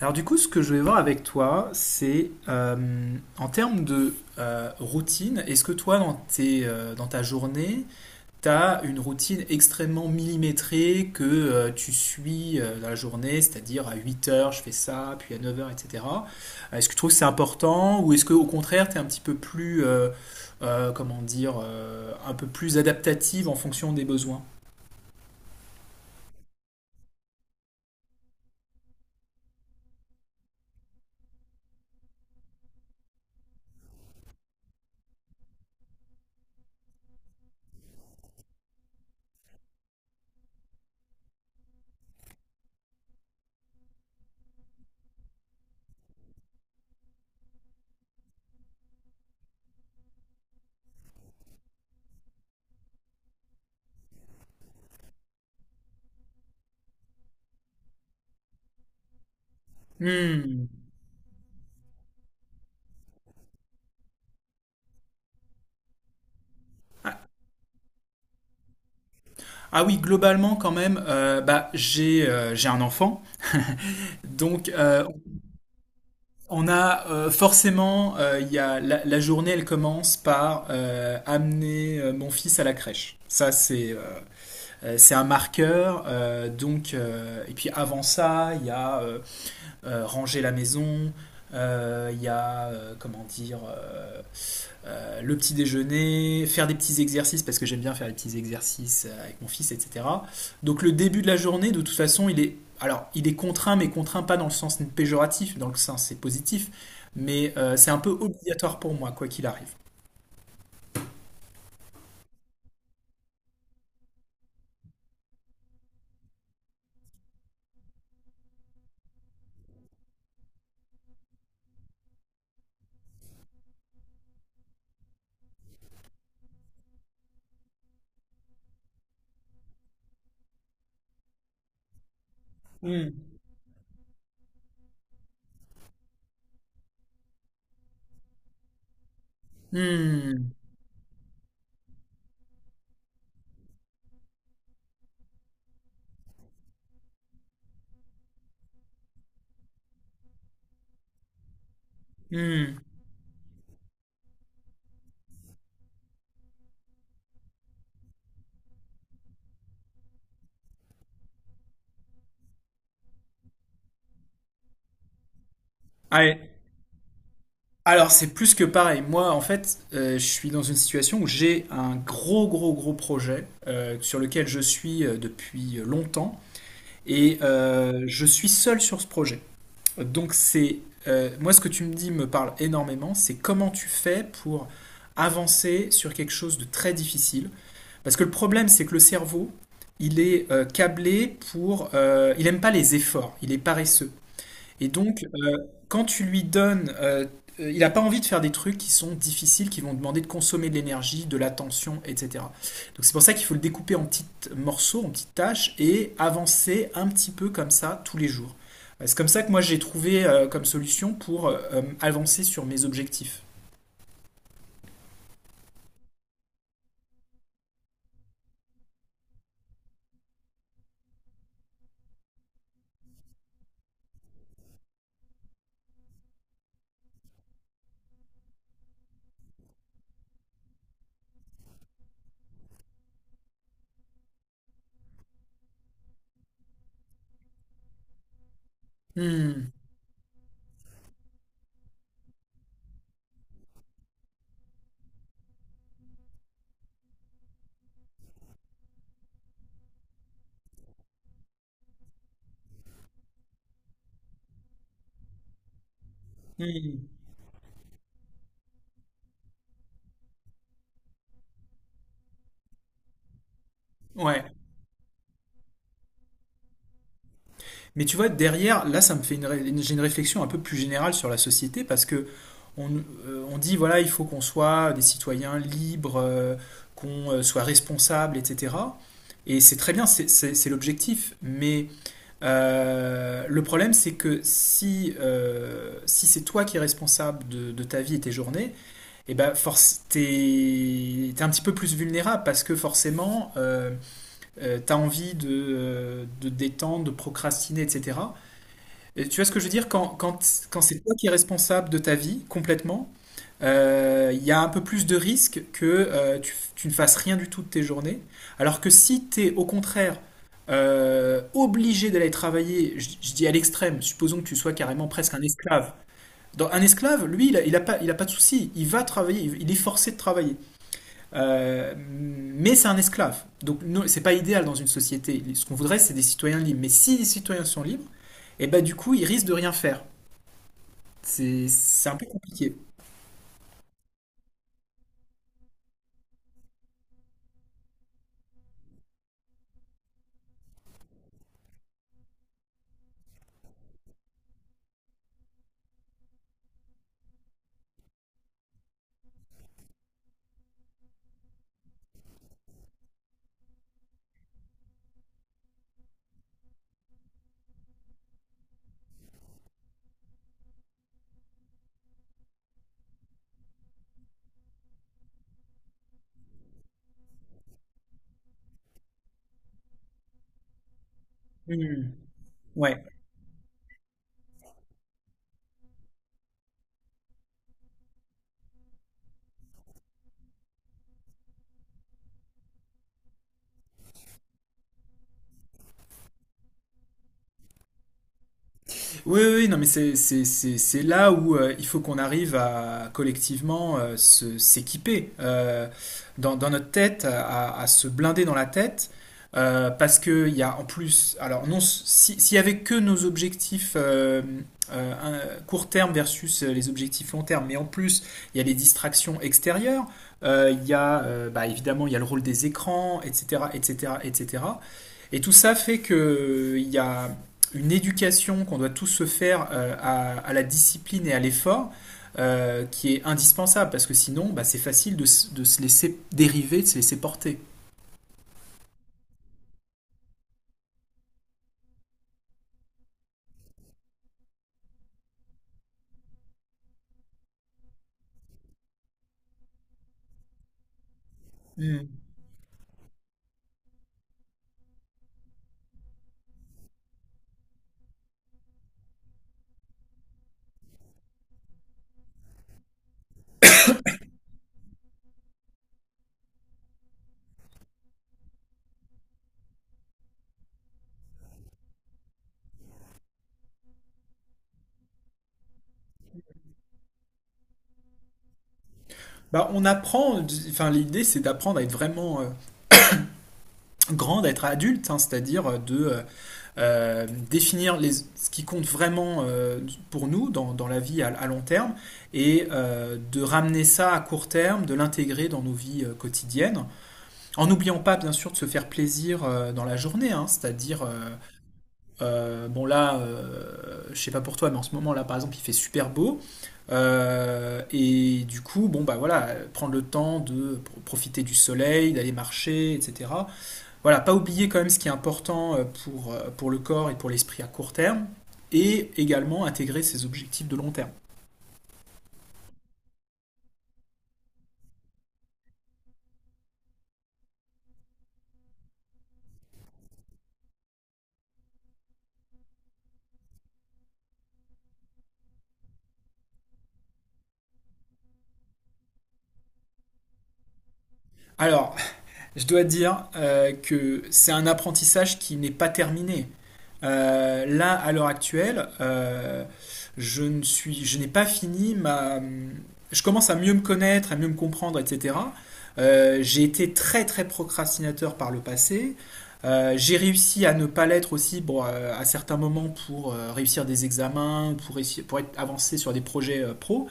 Alors du coup, ce que je vais voir avec toi, c'est en termes de routine, est-ce que toi, dans dans ta journée, tu as une routine extrêmement millimétrée que tu suis dans la journée, c'est-à-dire à 8 heures, je fais ça, puis à 9 heures, etc. Est-ce que tu trouves que c'est important ou est-ce que au contraire, tu es un petit peu plus, comment dire, un peu plus adaptative en fonction des besoins? Hmm. Ah ah oui, globalement quand même, j'ai un enfant. Donc, euh, on a forcément, il y a, la journée, elle commence par amener mon fils à la crèche. Ça, c'est un marqueur. Et puis avant ça, il y a ranger la maison, comment dire, le petit déjeuner, faire des petits exercices parce que j'aime bien faire des petits exercices avec mon fils, etc. Donc le début de la journée, de toute façon, il est alors il est contraint, mais contraint pas dans le sens péjoratif, dans le sens c'est positif, mais c'est un peu obligatoire pour moi quoi qu'il arrive. Hmm. Hmm, hmm. Ouais. Alors, c'est plus que pareil. Moi, en fait, je suis dans une situation où j'ai un gros, gros, gros projet sur lequel je suis depuis longtemps et je suis seul sur ce projet. Donc c'est Moi ce que tu me dis me parle énormément, c'est comment tu fais pour avancer sur quelque chose de très difficile. Parce que le problème c'est que le cerveau, il est câblé pour il aime pas les efforts, il est paresseux. Et donc quand tu lui donnes, il n'a pas envie de faire des trucs qui sont difficiles, qui vont demander de consommer de l'énergie, de l'attention, etc. Donc c'est pour ça qu'il faut le découper en petits morceaux, en petites tâches, et avancer un petit peu comme ça tous les jours. C'est comme ça que moi j'ai trouvé comme solution pour avancer sur mes objectifs. Hmm, hmm, ouais. Mais tu vois, derrière, là, ça me fait j'ai une réflexion un peu plus générale sur la société parce que on, on dit, voilà, il faut qu'on soit des citoyens libres, qu'on soit responsables, etc. Et c'est très bien, c'est l'objectif. Mais le problème, c'est que si c'est toi qui es responsable de ta vie et tes journées, eh ben, force, t'es un petit peu plus vulnérable parce que forcément, tu as envie de te détendre, de procrastiner, etc. Et tu vois ce que je veux dire? Quand c'est toi qui es responsable de ta vie complètement, il y a un peu plus de risque que tu ne fasses rien du tout de tes journées. Alors que si tu es au contraire obligé d'aller travailler, je dis à l'extrême, supposons que tu sois carrément presque un esclave. Dans, un esclave, lui, il a pas de souci, il va travailler, il est forcé de travailler. Mais c'est un esclave. Donc non, c'est pas idéal dans une société. Ce qu'on voudrait, c'est des citoyens libres. Mais si les citoyens sont libres, et ben, du coup, ils risquent de rien faire. C'est un peu compliqué. Hmm. Ouais. Oui, oui, oui, non, mais c'est là où il faut qu'on arrive à collectivement s'équiper dans notre tête, à se blinder dans la tête, parce que il y a en plus, alors non, s'il y avait que nos objectifs court terme versus les objectifs long terme, mais en plus il y a les distractions extérieures, il y a bah, évidemment il y a le rôle des écrans, etc., etc., etc. Et cetera. Et tout ça fait que il y a une éducation qu'on doit tous se faire à la discipline et à l'effort qui est indispensable parce que sinon bah, c'est facile de se laisser dériver, de se laisser porter. Hmm. Bah, on apprend, enfin l'idée c'est d'apprendre à être vraiment grand, à être adulte, hein, c'est-à-dire de définir ce qui compte vraiment pour nous dans la vie à long terme et de ramener ça à court terme, de l'intégrer dans nos vies quotidiennes. En n'oubliant pas, bien sûr, de se faire plaisir dans la journée, hein, je sais pas pour toi, mais en ce moment là, par exemple, il fait super beau. Et du coup, bon bah voilà, prendre le temps de profiter du soleil, d'aller marcher, etc. Voilà, pas oublier quand même ce qui est important pour le corps et pour l'esprit à court terme, et également intégrer ses objectifs de long terme. Alors, je dois dire que c'est un apprentissage qui n'est pas terminé. Là, à l'heure actuelle, je ne suis, je n'ai pas fini ma. Je commence à mieux me connaître, à mieux me comprendre, etc. J'ai été très très procrastinateur par le passé. J'ai réussi à ne pas l'être aussi bon, à certains moments pour réussir des examens, pour être avancé sur des projets pro.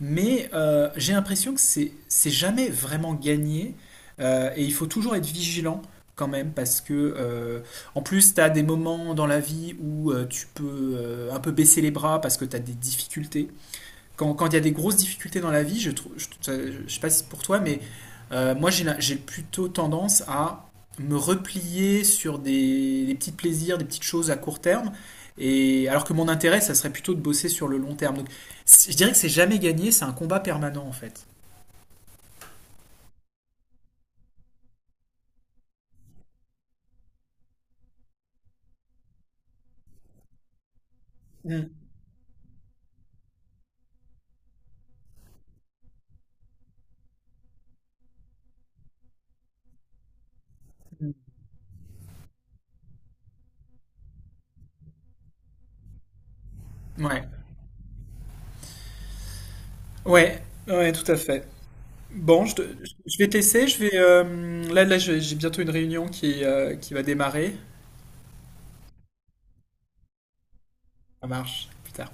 Mais j'ai l'impression que c'est jamais vraiment gagné et il faut toujours être vigilant quand même parce que en plus tu as des moments dans la vie où tu peux un peu baisser les bras parce que tu as des difficultés quand il y a des grosses difficultés dans la vie, je trouve, sais pas si c'est pour toi, mais moi j'ai plutôt tendance à me replier sur des petits plaisirs, des petites choses à court terme, et alors que mon intérêt, ça serait plutôt de bosser sur le long terme. Donc, je dirais que c'est jamais gagné, c'est un combat permanent en fait. Mm, mm. Ouais, ouais, ouais, tout à fait. Bon, je, te- je vais te laisser, je vais j'ai bientôt une réunion qui va démarrer. Ça marche, plus tard.